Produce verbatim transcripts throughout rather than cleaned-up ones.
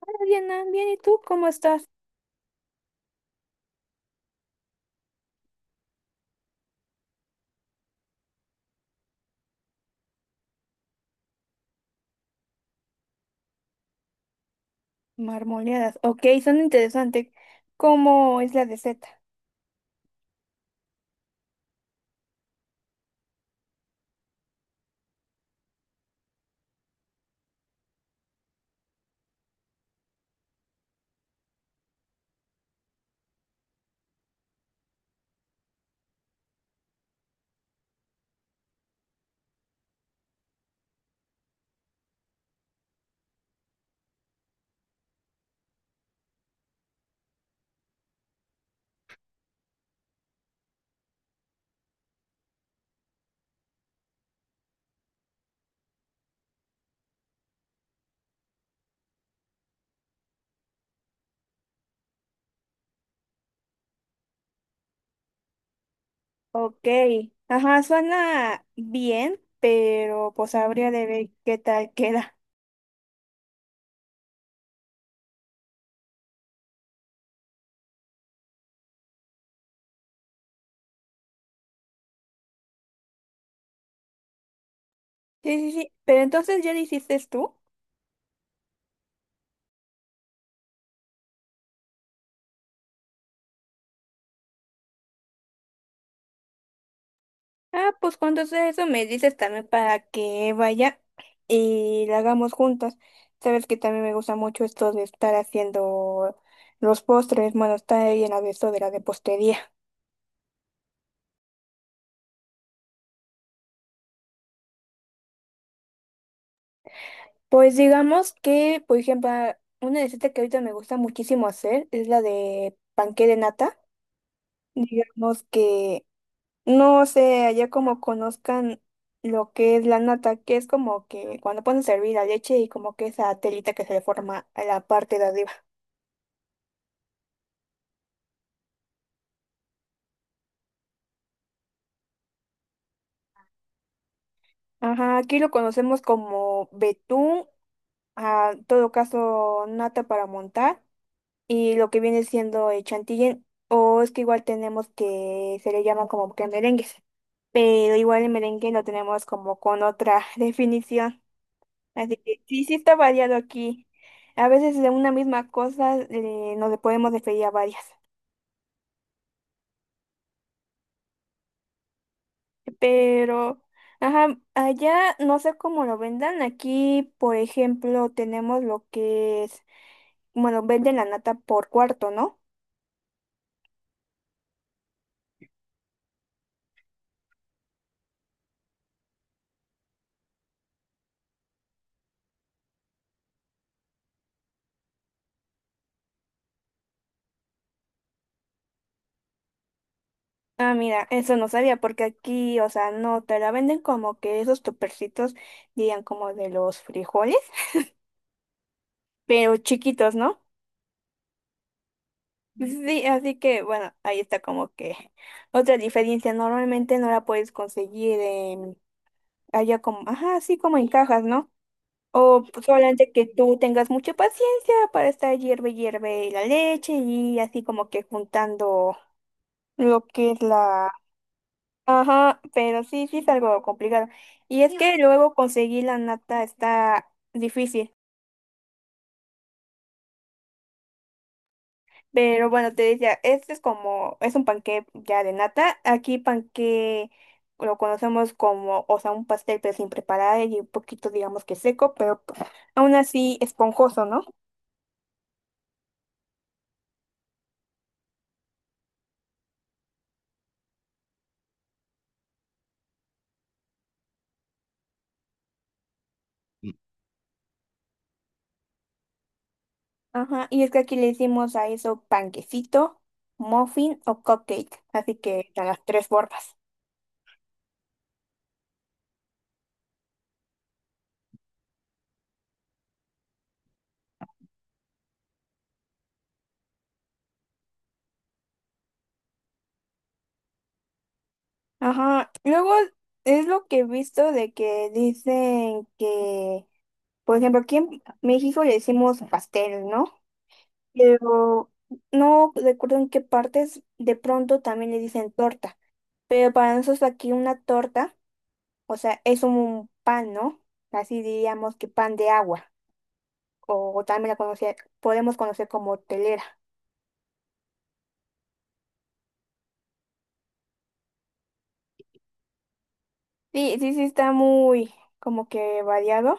Hola, Diana, bien, ¿y tú cómo estás? Marmoleadas. Ok, son interesantes. ¿Cómo es la de Z? Ok. Ajá, suena bien, pero pues habría de ver qué tal queda. Sí, sí, sí. Pero entonces ya lo hiciste tú. Ah, pues cuando sea eso me dices también para que vaya y la hagamos juntas. Sabes que también me gusta mucho esto de estar haciendo los postres, bueno, está ahí en la de esto de la de postería. Pues digamos que, por ejemplo, ah, una receta que ahorita me gusta muchísimo hacer es la de panqué de nata. Digamos que, no sé, allá como conozcan lo que es la nata, que es como que cuando pones a hervir la leche y como que esa telita que se le forma a la parte de arriba. Ajá, aquí lo conocemos como betún, a todo caso nata para montar, y lo que viene siendo el chantilly, o es que igual tenemos que se le llama como que merengues, pero igual el merengue lo tenemos como con otra definición. Así que sí, sí está variado aquí. A veces de una misma cosa eh, nos le podemos referir a varias. Pero, ajá, allá no sé cómo lo vendan. Aquí, por ejemplo, tenemos lo que es, bueno, venden la nata por cuarto, ¿no? Ah, mira, eso no sabía, porque aquí, o sea, no, te la venden como que esos topercitos, dirían como de los frijoles, pero chiquitos, ¿no? Sí, así que bueno, ahí está como que otra diferencia. Normalmente no la puedes conseguir en- allá como, ajá, así como en cajas, ¿no? O pues, solamente que tú tengas mucha paciencia para estar hierve, hierve la leche y así como que juntando lo que es la... Ajá, pero sí, sí es algo complicado. Y es que luego conseguir la nata está difícil. Pero bueno, te decía, este es como, es un panqué ya de nata. Aquí panqué lo conocemos como, o sea, un pastel pero sin preparar y un poquito, digamos que seco, pero p- aún así esponjoso, ¿no? Ajá, y es que aquí le decimos a eso panquecito, muffin o cupcake, así que están las tres formas. Ajá, luego es lo que he visto de que dicen que, por ejemplo, aquí en México le decimos pastel, ¿no? Pero no recuerdo en qué partes de pronto también le dicen torta, pero para nosotros aquí una torta, o sea, es un pan, ¿no? Así diríamos que pan de agua, o también la conoce- podemos conocer como telera. Sí, sí, sí, está muy como que variado,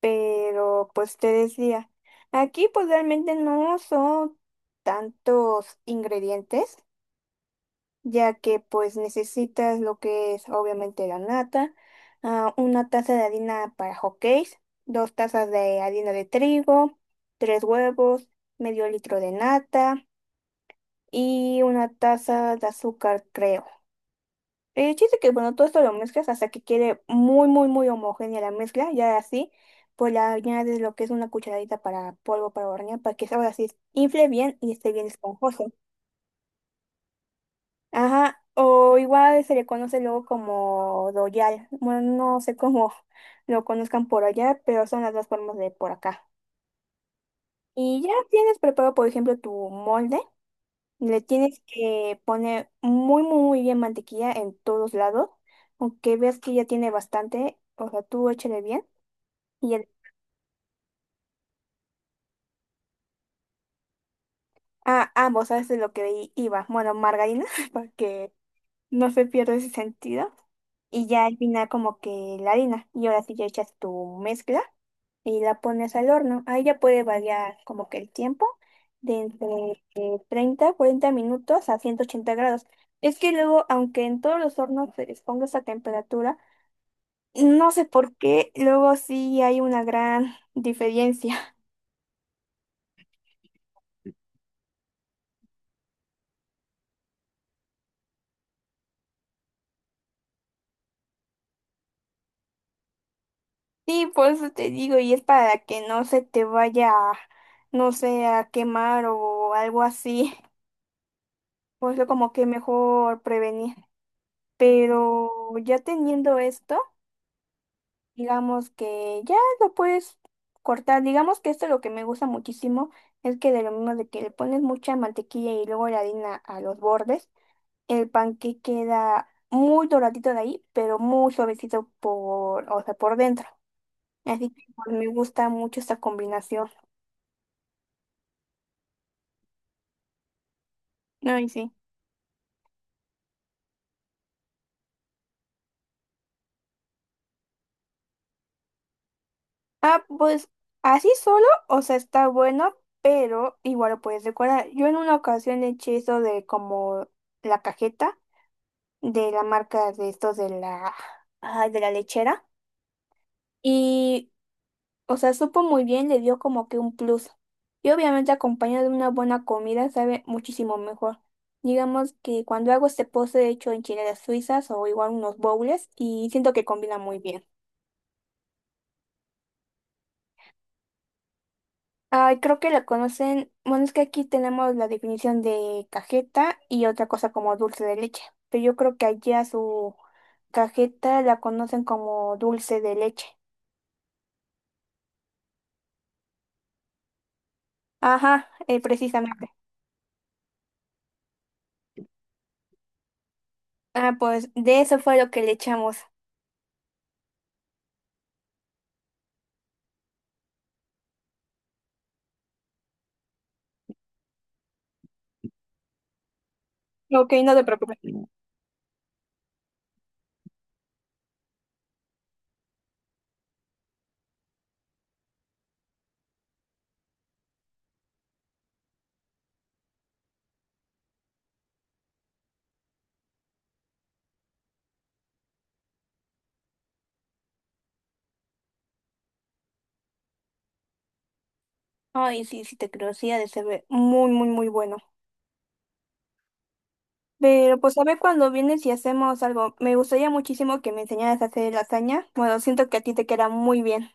pero pues te decía, aquí pues realmente no son tantos ingredientes, ya que pues necesitas lo que es obviamente la nata, ah, una taza de harina para hotcakes, dos tazas de harina de trigo, tres huevos, medio litro de nata y una taza de azúcar, creo. El chiste que bueno, todo esto lo mezclas hasta que quede muy, muy, muy homogénea la mezcla, ya así, pues le añades lo que es una cucharadita para polvo para hornear, para que ahora sí infle bien y esté bien esponjoso. Ajá, o igual se le conoce luego como Royal. Bueno, no sé cómo lo conozcan por allá, pero son las dos formas de por acá. Y ya tienes preparado, por ejemplo, tu molde. Le tienes que poner muy, muy, muy bien mantequilla en todos lados. Aunque veas que ya tiene bastante, o sea, tú échale bien. Y el... Ah, ambos, ¿sabes de lo que i- iba? Bueno, margarina, para que no se pierda ese sentido. Y ya al final como que la harina. Y ahora sí ya echas tu mezcla y la pones al horno. Ahí ya puede variar como que el tiempo de entre eh, treinta, cuarenta minutos a ciento ochenta grados. Es que luego, aunque en todos los hornos se les ponga esa temperatura, no sé por qué, luego sí hay una gran diferencia. Sí, por eso te digo, y es para que no se te vaya, no sé, a quemar o algo así. Pues lo como que mejor prevenir. Pero ya teniendo esto, digamos que ya lo puedes cortar. Digamos que esto es lo que me gusta muchísimo es que de lo mismo de que le pones mucha mantequilla y luego la harina a los bordes, el panque queda muy doradito de ahí, pero muy suavecito por, o sea, por dentro. Así que pues, me gusta mucho esta combinación. Ay, sí. Ah, pues así solo, o sea, está bueno, pero igual lo puedes decorar. Yo en una ocasión le eché eso de como la cajeta, de la marca de estos de la, ay, de la lechera. Y, o sea, supo muy bien, le dio como que un plus. Y obviamente acompañado de una buena comida sabe muchísimo mejor. Digamos que cuando hago este postre he hecho enchiladas suizas o igual unos bowls y siento que combina muy bien. Ay, creo que la conocen. Bueno, es que aquí tenemos la definición de cajeta y otra cosa como dulce de leche. Pero yo creo que allá su cajeta la conocen como dulce de leche. Ajá, eh, precisamente. Ah, pues de eso fue lo que le echamos. Ok, no te preocupes. Ay, sí, sí te creo, sí, ha de ser muy, muy, muy bueno. Pero pues a ver cuando vienes y hacemos algo. Me gustaría muchísimo que me enseñaras a hacer lasaña. Bueno, siento que a ti te queda muy bien.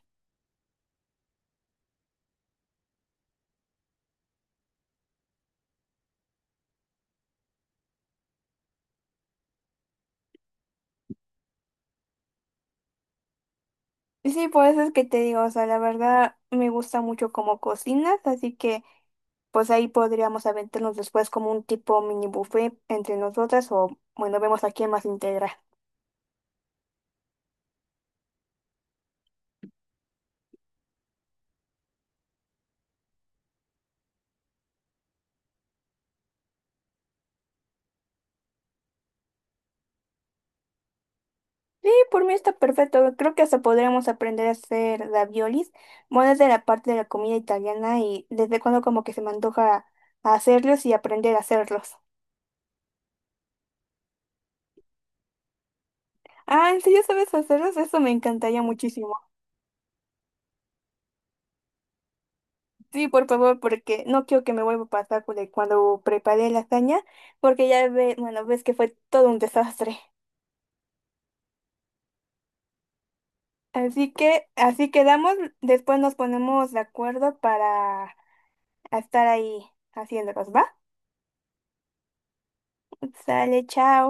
Y sí, por eso es que te digo, o sea, la verdad me gusta mucho cómo cocinas, así que pues ahí podríamos aventarnos después como un tipo mini buffet entre nosotras o bueno, vemos a quién más integra. Sí, por mí está perfecto. Creo que hasta podríamos aprender a hacer raviolis. Bueno, es de la parte de la comida italiana y desde cuando como que se me antoja hacerlos y aprender a hacerlos. Ah, ¿en serio sabes hacerlos? Eso me encantaría muchísimo. Sí, por favor, porque no quiero que me vuelva a pasar con el- cuando preparé lasaña, porque ya ve, bueno, ves que fue todo un desastre. Así que, así quedamos. Después nos ponemos de acuerdo para estar ahí haciéndolos, ¿va? Sale, chao.